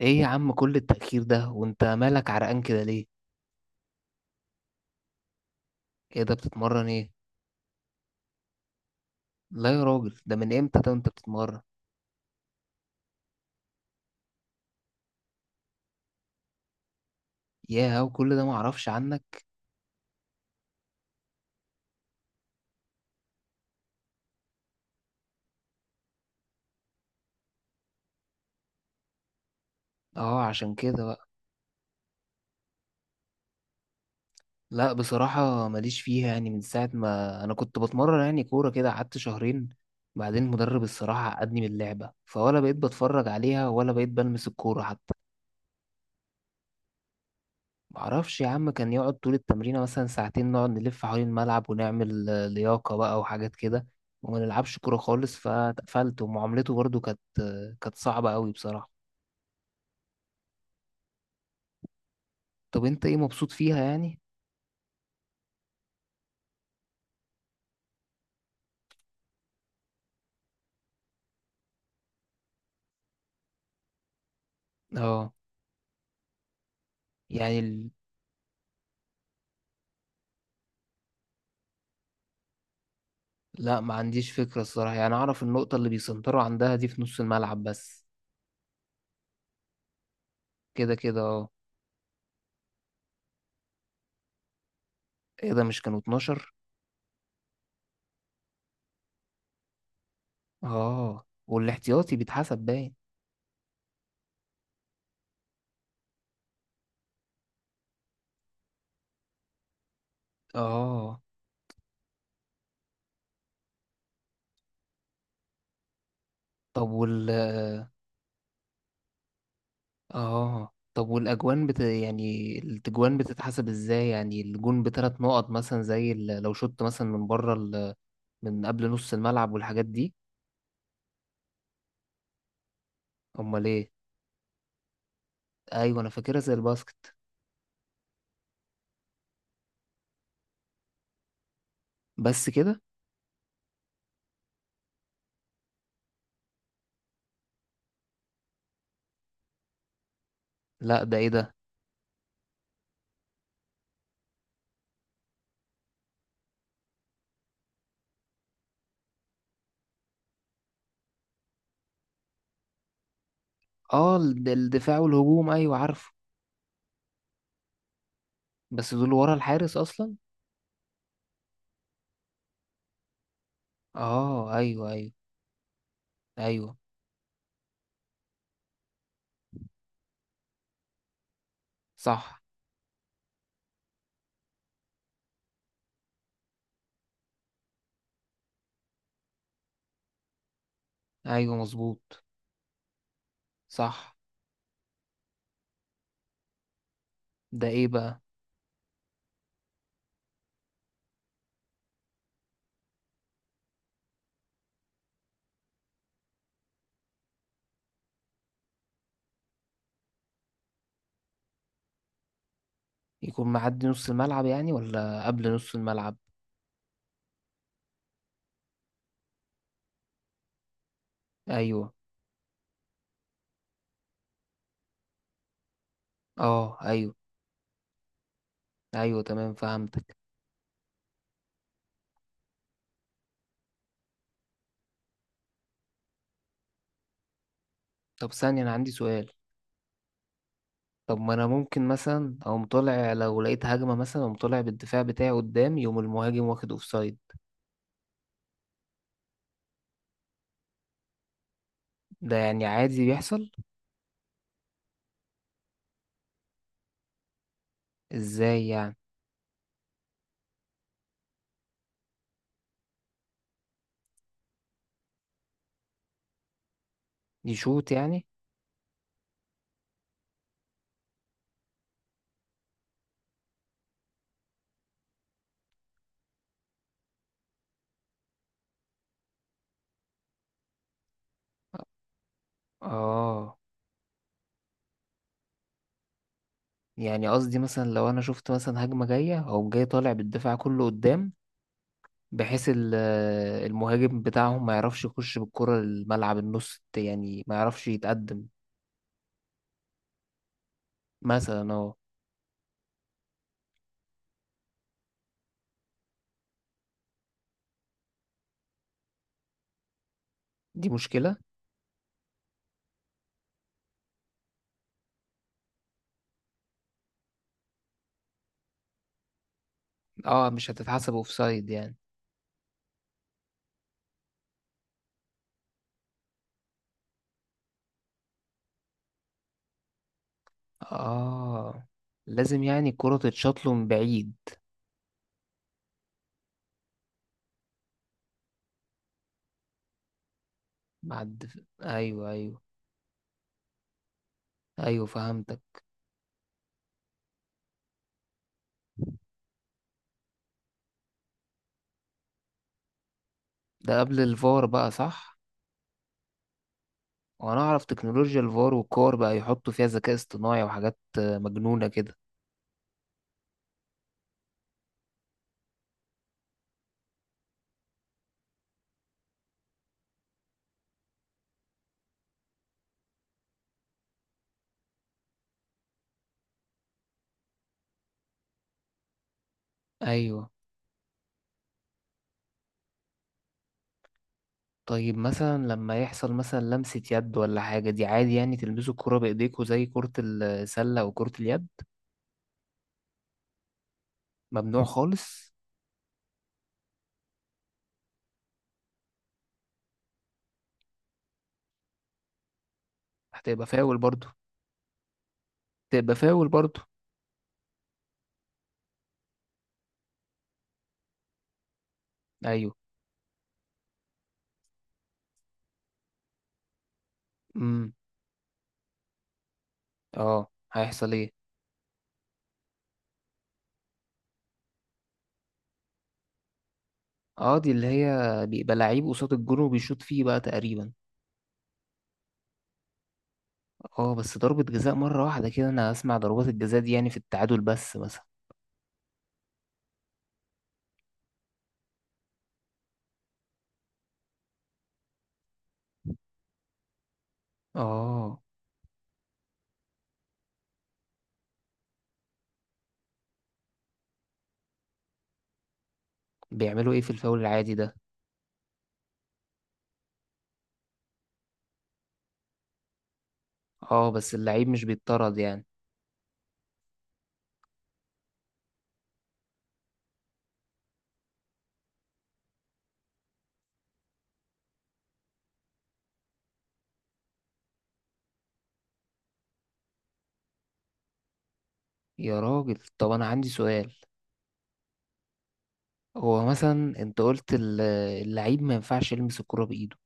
ايه يا عم كل التأخير ده وانت مالك عرقان كده ليه؟ ايه ده؟ بتتمرن ايه؟ لا يا راجل، ده من امتى ده انت بتتمرن؟ ياه، وكل ده معرفش عنك. اه عشان كده بقى. لا بصراحة ماليش فيها، يعني من ساعة ما انا كنت بتمرن يعني كورة كده قعدت شهرين. بعدين المدرب الصراحة عقدني من اللعبة، فولا بقيت بتفرج عليها ولا بقيت بلمس الكورة حتى. معرفش يا عم، كان يقعد طول التمرين مثلا ساعتين نقعد نلف حوالين الملعب ونعمل لياقة بقى وحاجات كده. وما نلعبش كورة خالص فاتقفلت، ومعاملته برضو كانت كانت صعبة قوي بصراحة. طب انت ايه مبسوط فيها يعني؟ اه. يعني ال... لا ما عنديش فكرة الصراحة، يعني اعرف النقطة اللي بيسنتروا عندها دي في نص الملعب بس. كده كده اه. ايه ده، مش كانوا 12؟ اه والاحتياطي بيتحسب باين. اه طب وال. اه طب يعني التجوان بتتحسب ازاي؟ يعني الجون بثلاث نقط مثلا زي لو شوت مثلا من بره من قبل نص الملعب والحاجات دي. امال ايه؟ ايوه انا فاكرها زي الباسكت. بس كده؟ لا ده ايه ده؟ اه ده الدفاع والهجوم، ايوه عارفه. بس دول ورا الحارس اصلا. اه ايوه، ايوه. ايوه. صح. ايوه مظبوط. صح. ده ايه بقى؟ يكون معدي نص الملعب يعني ولا قبل نص الملعب؟ ايوه. اه ايوه. ايوه تمام، فهمتك. طب ثانية، انا عندي سؤال. طب ما انا ممكن مثلا اقوم طالع لو لقيت هجمة مثلا، اقوم طالع بالدفاع بتاعي قدام، يقوم المهاجم واخد اوفسايد. ده يعني عادي بيحصل؟ ازاي يعني؟ يشوط يعني؟ اه. يعني قصدي مثلا لو انا شفت مثلا هجمة جاية او جاي طالع بالدفاع كله قدام، بحيث ال- المهاجم بتاعهم ما يعرفش يخش بالكرة الملعب النص، يعني ما يعرفش يتقدم. مثلا اه. دي مشكلة. اه مش هتتحسب اوفسايد يعني؟ اه لازم يعني الكرة تتشاط له من بعيد. بعد. ايوه، ايوه. ايوه فهمتك. ده قبل الفار بقى، صح؟ وانا اعرف تكنولوجيا الفار، والكور بقى يحطوا فيها ذكاء اصطناعي وحاجات مجنونة كده. ايوه. طيب مثلا لما يحصل مثلا لمسة يد ولا حاجة دي عادي يعني؟ تلمسوا الكرة بايديكوا زي كرة السلة وكرة اليد؟ ممنوع خالص. هتبقى فاول برضو. تبقى فاول برضو. ايوه. امم. اه هيحصل ايه؟ اه دي اللي هي بيبقى لعيب قصاد الجون وبيشوط فيه بقى تقريبا. اه بس ضربة جزاء مرة واحدة كده، انا اسمع ضربات الجزاء دي يعني في التعادل بس مثلا. اه. بيعملوا ايه في الفاول العادي ده؟ اه بس اللعيب مش بيتطرد يعني؟ يا راجل، طب انا عندي سؤال. هو مثلا انت قلت اللعيب ما ينفعش يلمس الكرة بايده،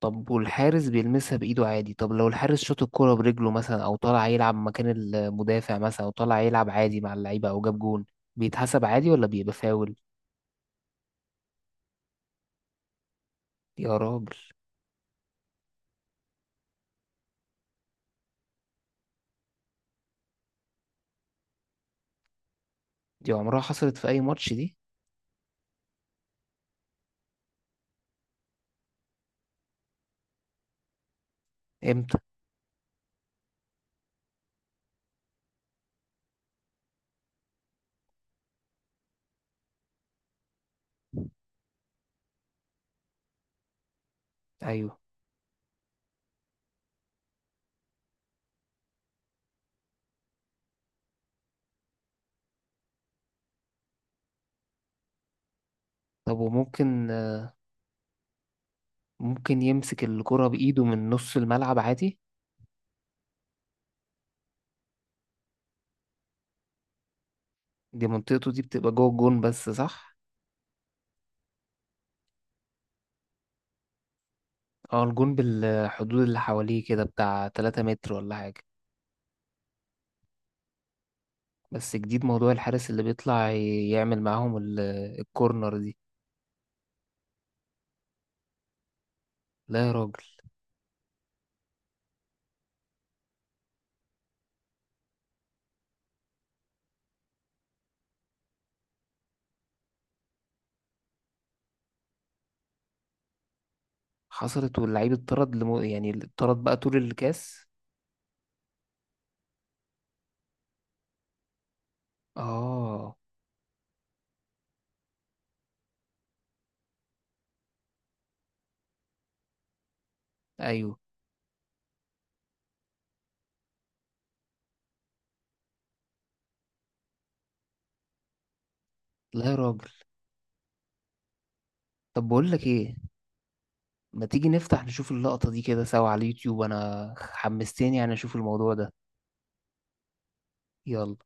طب والحارس بيلمسها بايده عادي؟ طب لو الحارس شاط الكرة برجله مثلا، او طالع يلعب مكان المدافع مثلا، او طالع يلعب عادي مع اللعيبة او جاب جون، بيتحسب عادي ولا بيبقى فاول؟ يا راجل. دي عمرها حصلت في أي ماتش دي؟ امتى؟ أيوه. طب وممكن ممكن يمسك الكرة بإيده من نص الملعب عادي؟ دي منطقته دي بتبقى جوه الجون بس، صح؟ اه، الجون بالحدود اللي حواليه كده بتاع 3 متر ولا حاجة. بس جديد موضوع الحارس اللي بيطلع يعمل معاهم الكورنر دي. لا يا راجل. حصلت واللعيب اتطرد يعني اتطرد بقى طول الكاس؟ اه. ايوه. لا يا راجل. طب بقول لك ايه، ما تيجي نفتح نشوف اللقطة دي كده سوا على اليوتيوب، انا حمستني يعني اشوف الموضوع ده. يلا.